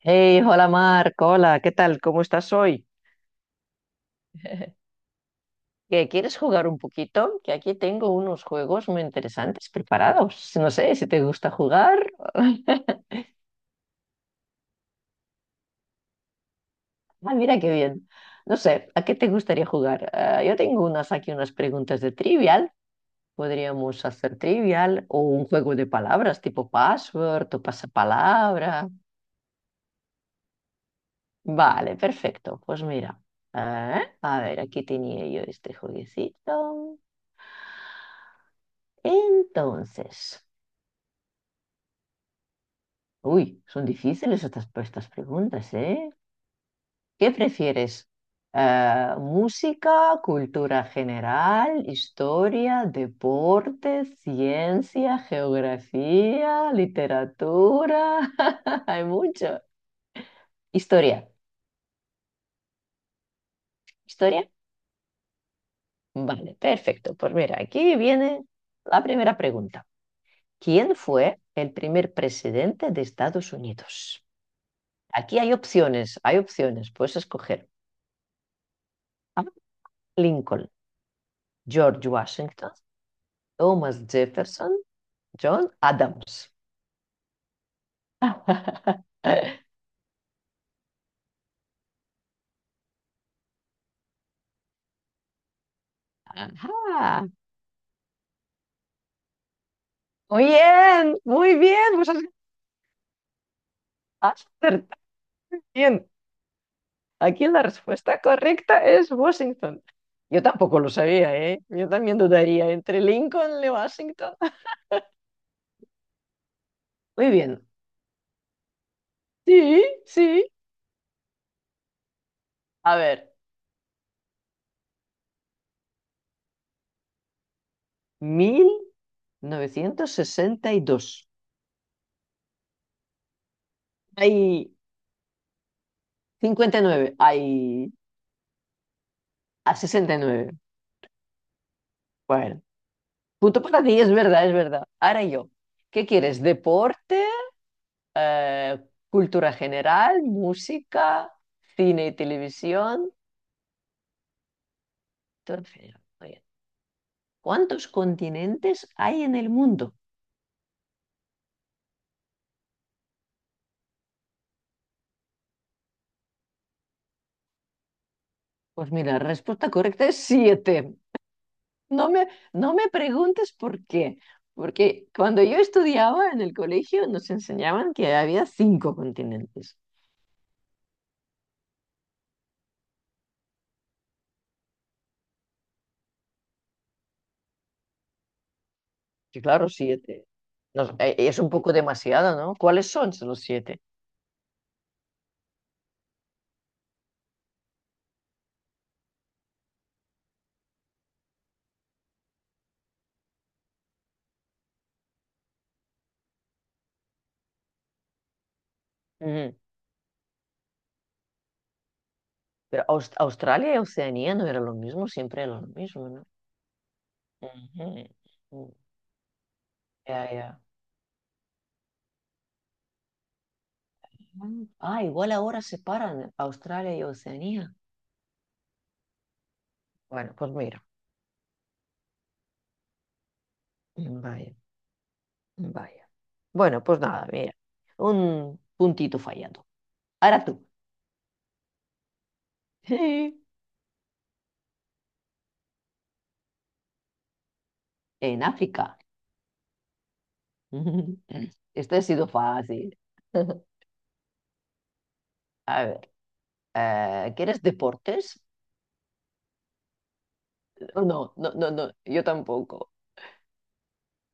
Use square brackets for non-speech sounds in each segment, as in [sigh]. Hey, hola Marco, hola, ¿qué tal? ¿Cómo estás hoy? [laughs] ¿Quieres jugar un poquito? Que aquí tengo unos juegos muy interesantes preparados. No sé si te gusta jugar. [laughs] Ah, mira qué bien. No sé, ¿a qué te gustaría jugar? Ah, yo tengo unas aquí, unas preguntas de trivial. Podríamos hacer trivial o un juego de palabras tipo password o pasapalabra. Vale, perfecto. Pues mira, ah, a ver, aquí tenía yo este jueguecito. Entonces. Uy, son difíciles estas preguntas, ¿eh? ¿Qué prefieres? Música, cultura general, historia, deporte, ciencia, geografía, literatura. [laughs] Hay mucho. Historia. ¿Historia? Vale, perfecto. Pues mira, aquí viene la primera pregunta. ¿Quién fue el primer presidente de Estados Unidos? Aquí hay opciones, puedes escoger. A. Lincoln. George Washington, Thomas Jefferson, John Adams. [laughs] Ajá. Muy bien, muy bien. Pues has acertado bien. Aquí la respuesta correcta es Washington. Yo tampoco lo sabía, ¿eh? Yo también dudaría entre Lincoln y Washington. [laughs] Muy bien. Sí, sí. A ver, 1962. Hay 59. Hay a 69. Bueno, punto para ti, es verdad, es verdad. Ahora yo, ¿qué quieres? ¿Deporte? eh, ¿Cultura general? ¿Música? ¿Cine y televisión? Todo cultura general. Muy bien. ¿Cuántos continentes hay en el mundo? Pues mira, la respuesta correcta es siete. No me, no me preguntes por qué, porque cuando yo estudiaba en el colegio nos enseñaban que había cinco continentes. Y claro, siete. No, es un poco demasiado, ¿no? ¿Cuáles son los siete? Ujú. Pero Australia y Oceanía no era lo mismo, siempre era lo mismo, ¿no? Ujú. Mm, ya, ya. Mm. Ah, igual ahora separan Australia y Oceanía. Bueno, pues mira, mm, vaya, mm, vaya. Bueno, pues nada, mira, un puntito fallado. Ahora tú, [laughs] en África. [laughs] Esto ha sido fácil. [laughs] A ver, ¿quieres deportes? Oh, no, no, no, no, yo tampoco.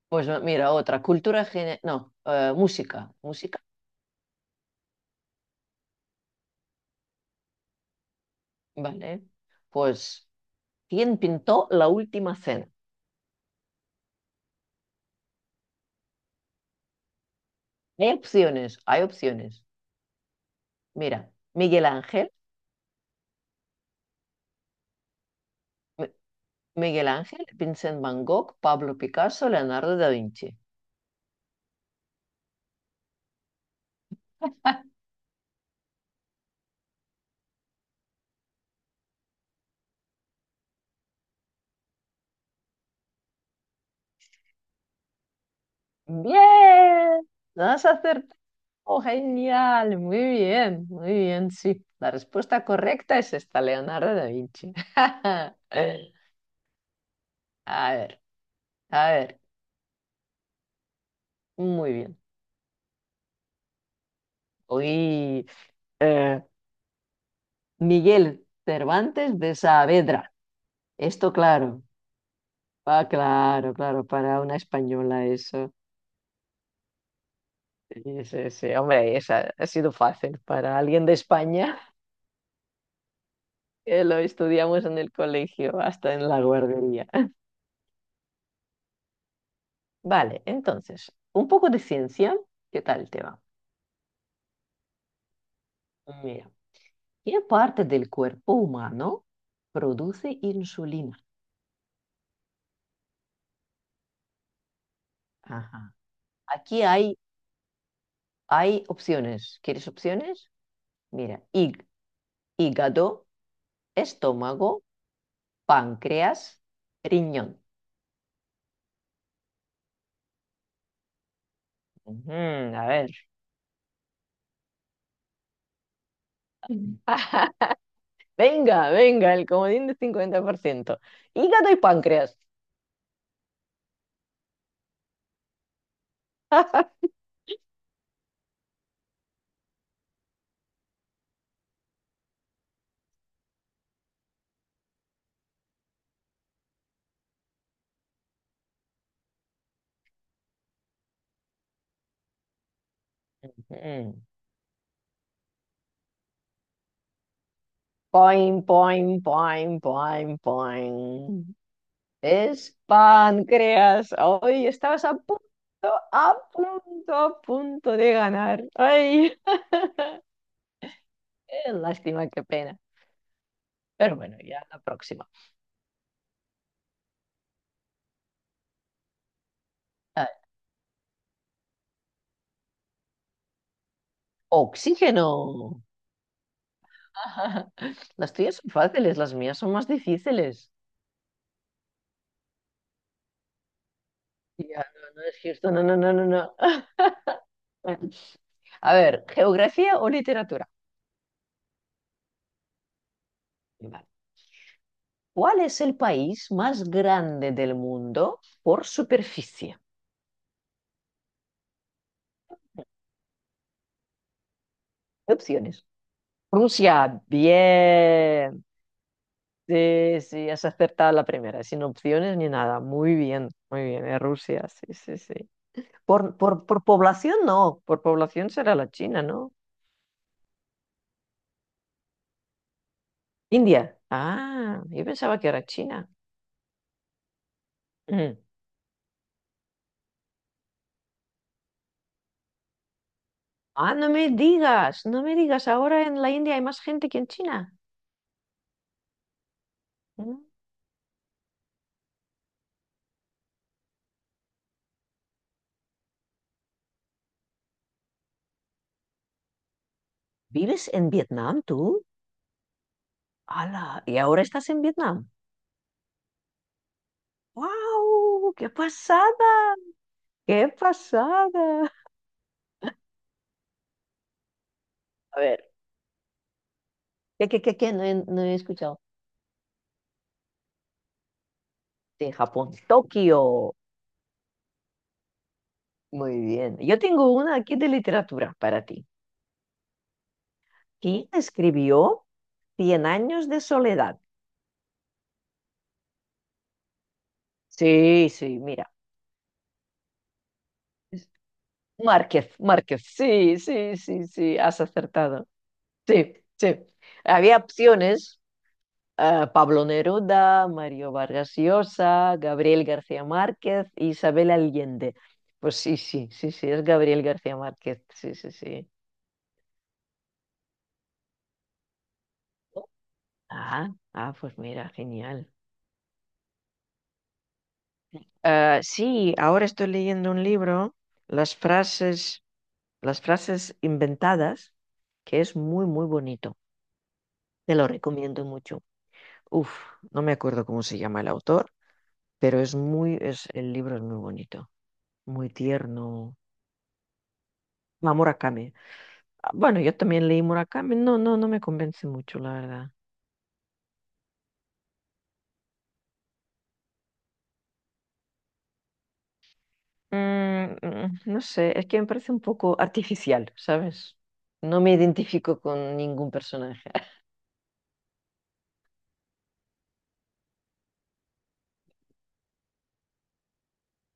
Pues mira, otra, cultura, no, música. ¿Música? Vale. Pues, ¿quién pintó la última cena? Hay opciones, hay opciones. Mira, Miguel Ángel, M- Miguel Ángel, Vincent Van Gogh, Pablo Picasso, Leonardo da Vinci. Bien, has acertado, genial, muy bien, sí. La respuesta correcta es esta, Leonardo da Vinci. [laughs] A ver, a ver, muy bien. Hoy, Miguel Cervantes de Saavedra. Esto claro, ah, claro, claro, para una española eso. Sí, sí, sí, hombre, esa ha sido fácil. Para alguien de España, [laughs] que lo estudiamos en el colegio, hasta en la guardería. [laughs] Vale, entonces, un poco de ciencia, ¿qué tal te va? Mira, ¿qué parte del cuerpo humano produce insulina? Ajá. Aquí hay, hay opciones. ¿Quieres opciones? Mira, hígado, estómago, páncreas, riñón. Ujú, a ver. Venga, venga, el comodín de 50%. Hígado y páncreas. [laughs] Mm. Poing, poing, poing, poing, poing. Es páncreas. Hoy estabas a punto, a punto, a punto de ganar. Ay, qué lástima, qué pena. Pero bueno, ya la próxima. A ver, oxígeno. [laughs] Las tuyas son fáciles, las mías son más difíciles. Ya, no, no es cierto. No, no, no, no, no. Bueno, a ver, geografía o literatura. Vale. ¿Cuál es el país más grande del mundo por superficie? Opciones. Rusia, bien. Sí, sí, has acertado la primera, sin opciones ni nada. Muy bien, muy bien. Es Rusia, sí, sí, sí. Por población no, por población será la China, ¿no? India. Ah, yo pensaba que era China. Mm. Ah, no me digas, no me digas, ahora en la India hay más gente que en China. Mm. ¿Vives en Vietnam tú? ¡Hala! ¿Y ahora estás en Vietnam? ¡Wow! ¡Qué pasada! ¡Qué pasada! A ver, ¿Qué? No he escuchado. De Japón, Tokio. Muy bien. Yo tengo una aquí de literatura para ti. ¿Quién escribió Cien años de soledad? Sí, sí, mira. Es Márquez, Márquez. Sí, sí, sí, sí. Has acertado. Sí, sí. Había opciones. Ah, Pablo Neruda, Mario Vargas Llosa, Gabriel García Márquez, Isabel Allende. Pues sí, sí, sí, sí, es Gabriel García Márquez. Sí, sí, sí. Ah, ah, pues mira, genial. Ah, sí, ahora estoy leyendo un libro, Las frases, las frases inventadas, que es muy, muy bonito. Te lo recomiendo mucho. Uf, no me acuerdo cómo se llama el autor, pero es muy, es, el libro es muy bonito, muy tierno. Ah, Murakami. Ah, bueno, yo también leí Murakami. No, no, no me convence mucho, la verdad. Mm, no sé, es que me parece un poco artificial, ¿sabes? No me identifico con ningún personaje. [laughs]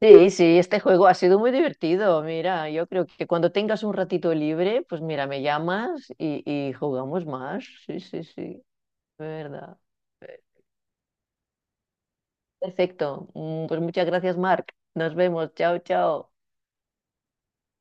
Sí, sí, este juego ha sido muy divertido. Mira, yo creo que cuando tengas un ratito libre, pues mira, me llamas y jugamos más. Sí, sí, sí, de verdad. Perfecto. Pues muchas gracias, Mark. Nos vemos. Chao, chao.